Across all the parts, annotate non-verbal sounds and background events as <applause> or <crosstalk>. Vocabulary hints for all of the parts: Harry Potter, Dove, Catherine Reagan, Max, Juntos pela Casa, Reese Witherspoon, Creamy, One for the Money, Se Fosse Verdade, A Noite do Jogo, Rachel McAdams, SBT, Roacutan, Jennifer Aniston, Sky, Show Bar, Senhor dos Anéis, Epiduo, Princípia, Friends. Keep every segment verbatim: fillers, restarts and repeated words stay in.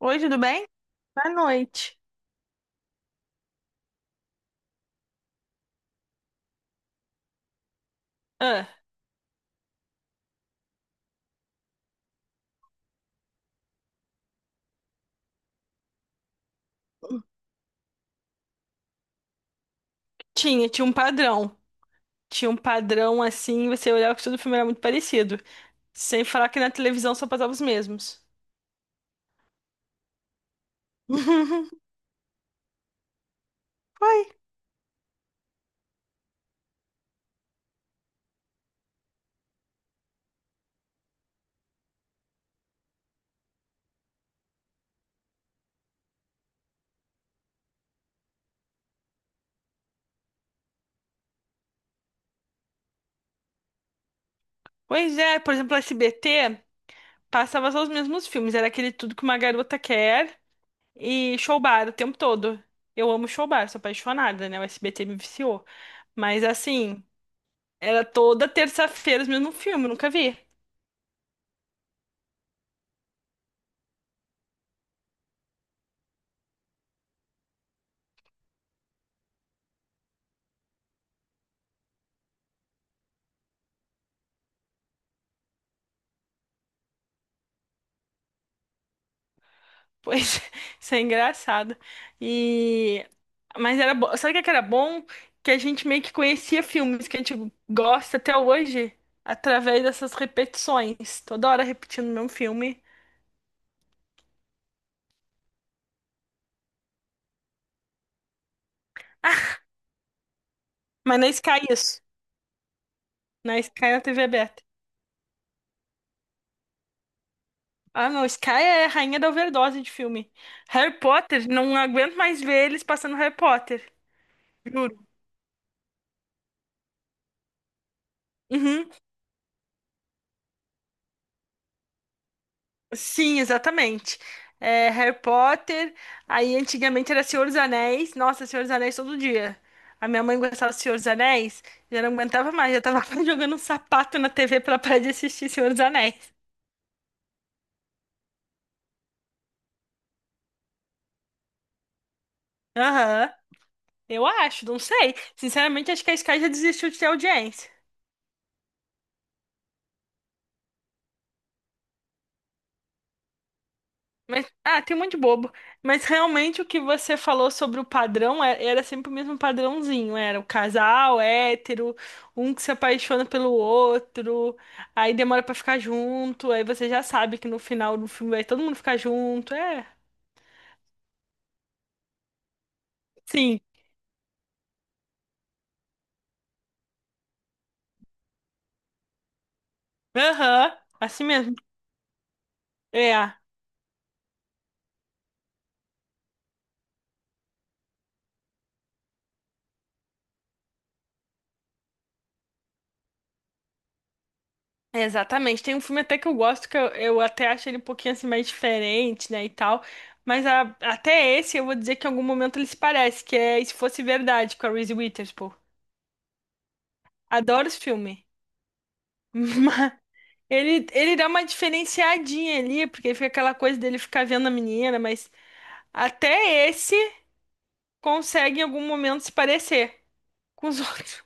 Oi, tudo bem? Boa noite. Ah, tinha, tinha um padrão. Tinha um padrão assim, você olhava que todo filme era muito parecido. Sem falar que na televisão só passava os mesmos. <laughs> Foi. Pois é, por exemplo, S B T passava só os mesmos filmes. Era aquele Tudo Que Uma Garota Quer e Show Bar o tempo todo. Eu amo Show Bar, sou apaixonada, né? O S B T me viciou. Mas assim, era toda terça-feira os mesmos filmes, nunca vi. Pois, <laughs> isso é engraçado. E mas era bom, sabe o que que era bom? Que a gente meio que conhecia filmes que a gente gosta até hoje através dessas repetições, toda hora repetindo o mesmo filme, mas na Sky isso, na Sky na T V aberta. Ah, não, Sky é a rainha da overdose de filme. Harry Potter, não aguento mais ver eles passando Harry Potter, juro. Uhum. Sim, exatamente. É, Harry Potter, aí antigamente era Senhor dos Anéis. Nossa, Senhor dos Anéis todo dia. A minha mãe gostava do Senhor dos Anéis, já não aguentava mais, já tava <laughs> quase jogando um sapato na T V pra parar de assistir Senhor dos Anéis. Aham, eu acho, não sei. Sinceramente, acho que a Sky já desistiu de ter audiência. Mas, ah, tem um monte de bobo. Mas realmente o que você falou sobre o padrão é- era, sempre o mesmo padrãozinho. Era o casal hétero, um que se apaixona pelo outro, aí demora pra ficar junto, aí você já sabe que no final do filme vai todo mundo ficar junto. É, sim, aham, assim mesmo. É, é, exatamente. Tem um filme até que eu gosto, que eu, eu até acho ele um pouquinho assim mais diferente, né, e tal. Mas a- até esse eu vou dizer que em algum momento ele se parece, que é Se Fosse Verdade, com a Reese Witherspoon. Adoro esse filme. <laughs> Mas Ele, ele dá uma diferenciadinha ali, porque fica aquela coisa dele ficar vendo a menina, mas até esse consegue em algum momento se parecer com os <laughs> outros.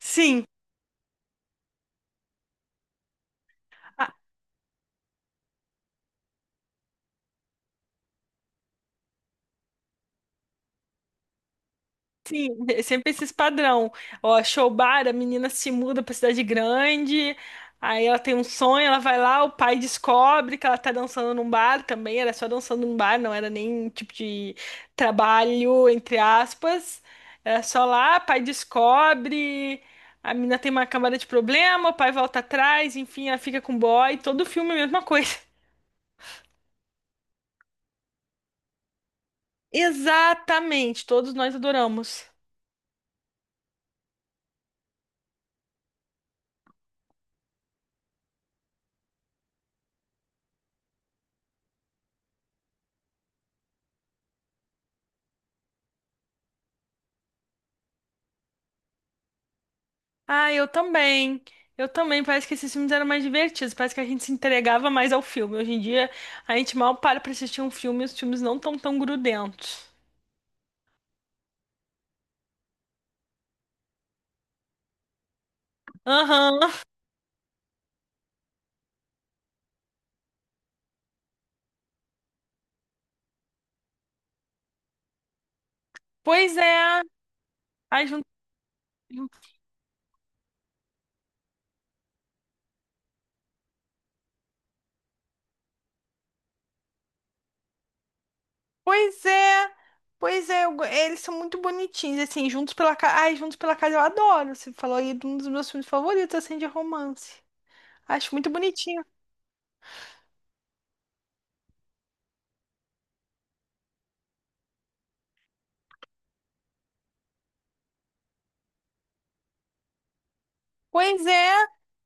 Sim. Sim, <laughs> é sempre esses padrão. Ó, show bar, a menina se muda pra cidade grande, aí ela tem um sonho, ela vai lá, o pai descobre que ela tá dançando num bar também, era só dançando num bar, não era nem tipo de trabalho, entre aspas. Era só lá, pai descobre, a menina tem uma camada de problema, o pai volta atrás, enfim, ela fica com o boy, todo filme é a mesma coisa. <laughs> Exatamente, todos nós adoramos. Ah, eu também. Eu também. Parece que esses filmes eram mais divertidos. Parece que a gente se entregava mais ao filme. Hoje em dia, a gente mal para pra assistir um filme e os filmes não estão tão tão grudentos. Aham. Pois é. Ai, jun- jun- Pois é. Pois é. eu go- Eles são muito bonitinhos. Assim, Juntos pela Casa. Ai, Juntos pela Casa eu adoro. Você falou aí de um dos meus filmes favoritos, assim, de romance. Acho muito bonitinho. Pois é.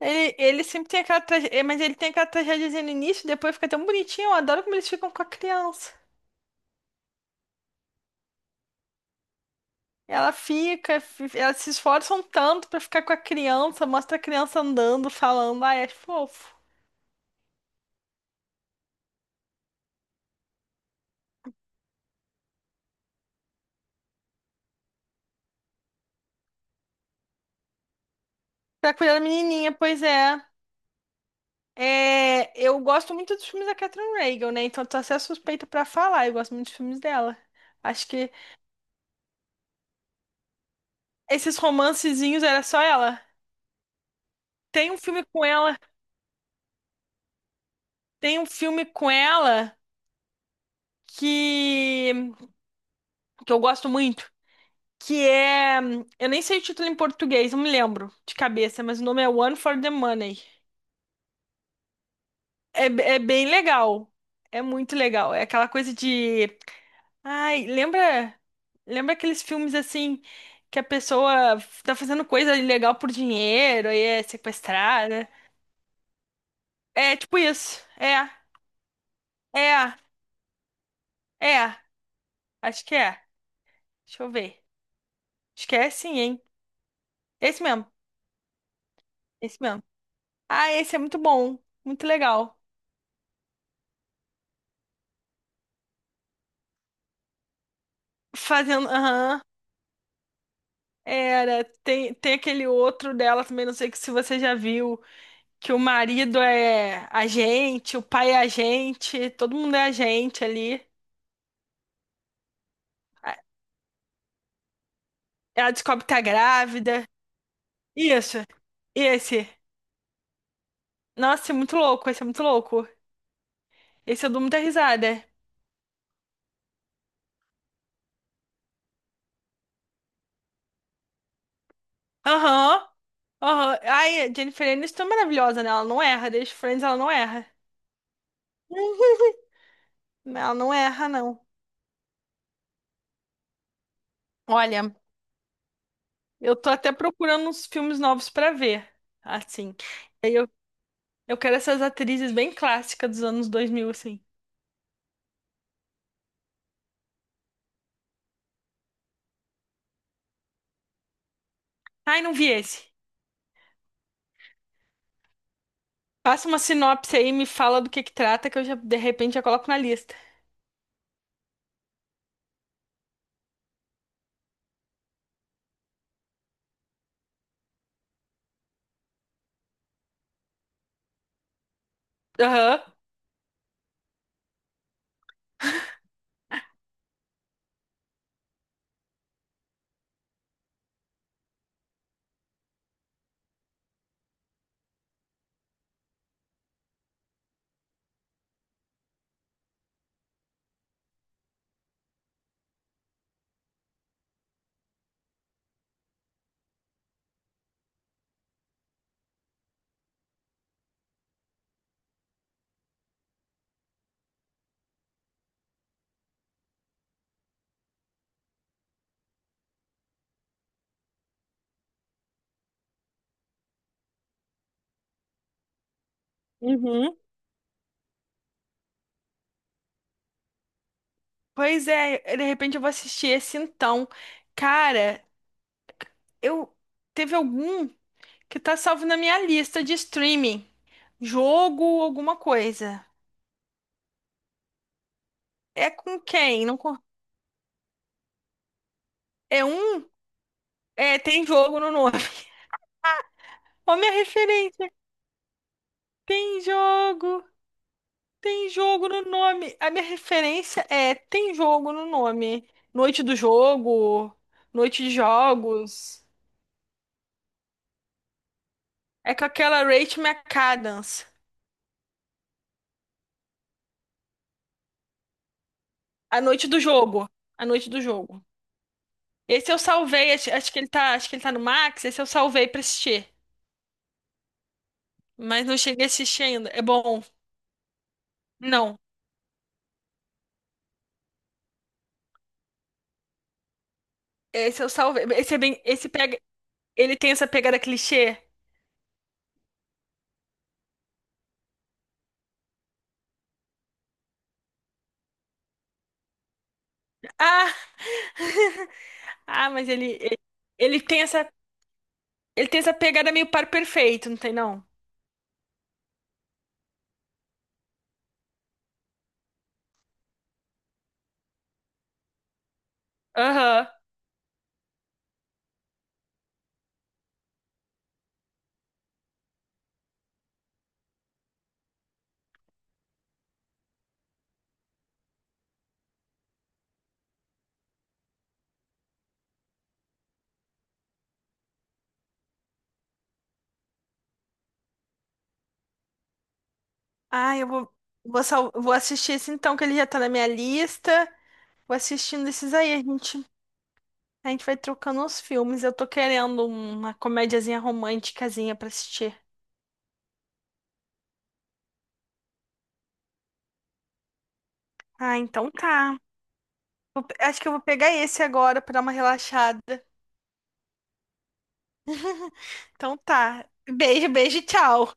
Ele, ele sempre tem aquela tragédia, mas ele tem aquela tragédia no início, depois fica tão bonitinho. Eu adoro como eles ficam com a criança. Ela fica, fi- elas se esforçam tanto pra ficar com a criança, mostra a criança andando, falando, ai, é fofo. Pra cuidar da menininha, pois é. É, eu gosto muito dos filmes da Catherine Reagan, né? Então tô até suspeita pra falar, eu gosto muito dos filmes dela. Acho que esses romancezinhos era só ela. Tem um filme com ela, tem um filme com ela que que eu gosto muito, que é, eu nem sei o título em português, não me lembro de cabeça, mas o nome é One for the Money. É, é bem legal. É muito legal. É aquela coisa de. Ai, lembra. Lembra aqueles filmes assim que a pessoa tá fazendo coisa ilegal por dinheiro e é sequestrada? É tipo isso. É, é, é. Acho que é. Deixa eu ver. Acho que é sim, hein? Esse mesmo. Esse mesmo. Ah, esse é muito bom. Muito legal. Fazendo. Aham. Era. Tem, tem aquele outro dela também, não sei que se você já viu. Que o marido é a gente, o pai é a gente, todo mundo é a gente ali. A- Ela descobre que tá grávida. Isso. E esse? Nossa, é muito louco, esse é muito louco. Esse eu dou muita risada. Aham, aham. Ai, a Jennifer Aniston é maravilhosa, né? Ela não erra. Desde Friends ela não erra. <laughs> Ela não erra, não. Olha, eu tô até procurando uns filmes novos pra ver, assim. Eu, eu quero essas atrizes bem clássicas dos anos dois mil assim. Ai, não vi esse. Passa uma sinopse aí, me fala do que que trata, que eu já, de repente, já coloco na lista. Aham. Uhum. Pois é, de repente eu vou assistir esse então. Cara, eu teve algum que tá salvo na minha lista de streaming. Jogo, alguma coisa. É com quem? Não com... É um? É, tem jogo no nome. <laughs> Ó, minha referência. Tem jogo. Tem jogo no nome. A minha referência é tem jogo no nome. Noite do jogo, noite de jogos. É com aquela Rachel McAdams. A noite do jogo. A noite do jogo. Esse eu salvei, acho, acho que ele tá, acho que ele tá no Max, esse eu salvei pra assistir. Mas não cheguei a assistir ainda. É bom. Não. Esse eu salvei. Esse é bem, esse pega, ele tem essa pegada clichê. Ah, ah, mas ele ele, ele tem essa, ele tem essa, pegada meio par perfeito, não tem não? Aham. Ah, eu vou vou, sal, vou assistir esse então que ele já tá na minha lista. Vou assistindo esses aí, a gente A gente vai trocando os filmes. Eu tô querendo uma comédiazinha românticazinha pra assistir. Ah, então tá. Vou pe- Acho que eu vou pegar esse agora pra dar uma relaxada. Então tá. Beijo, beijo, tchau.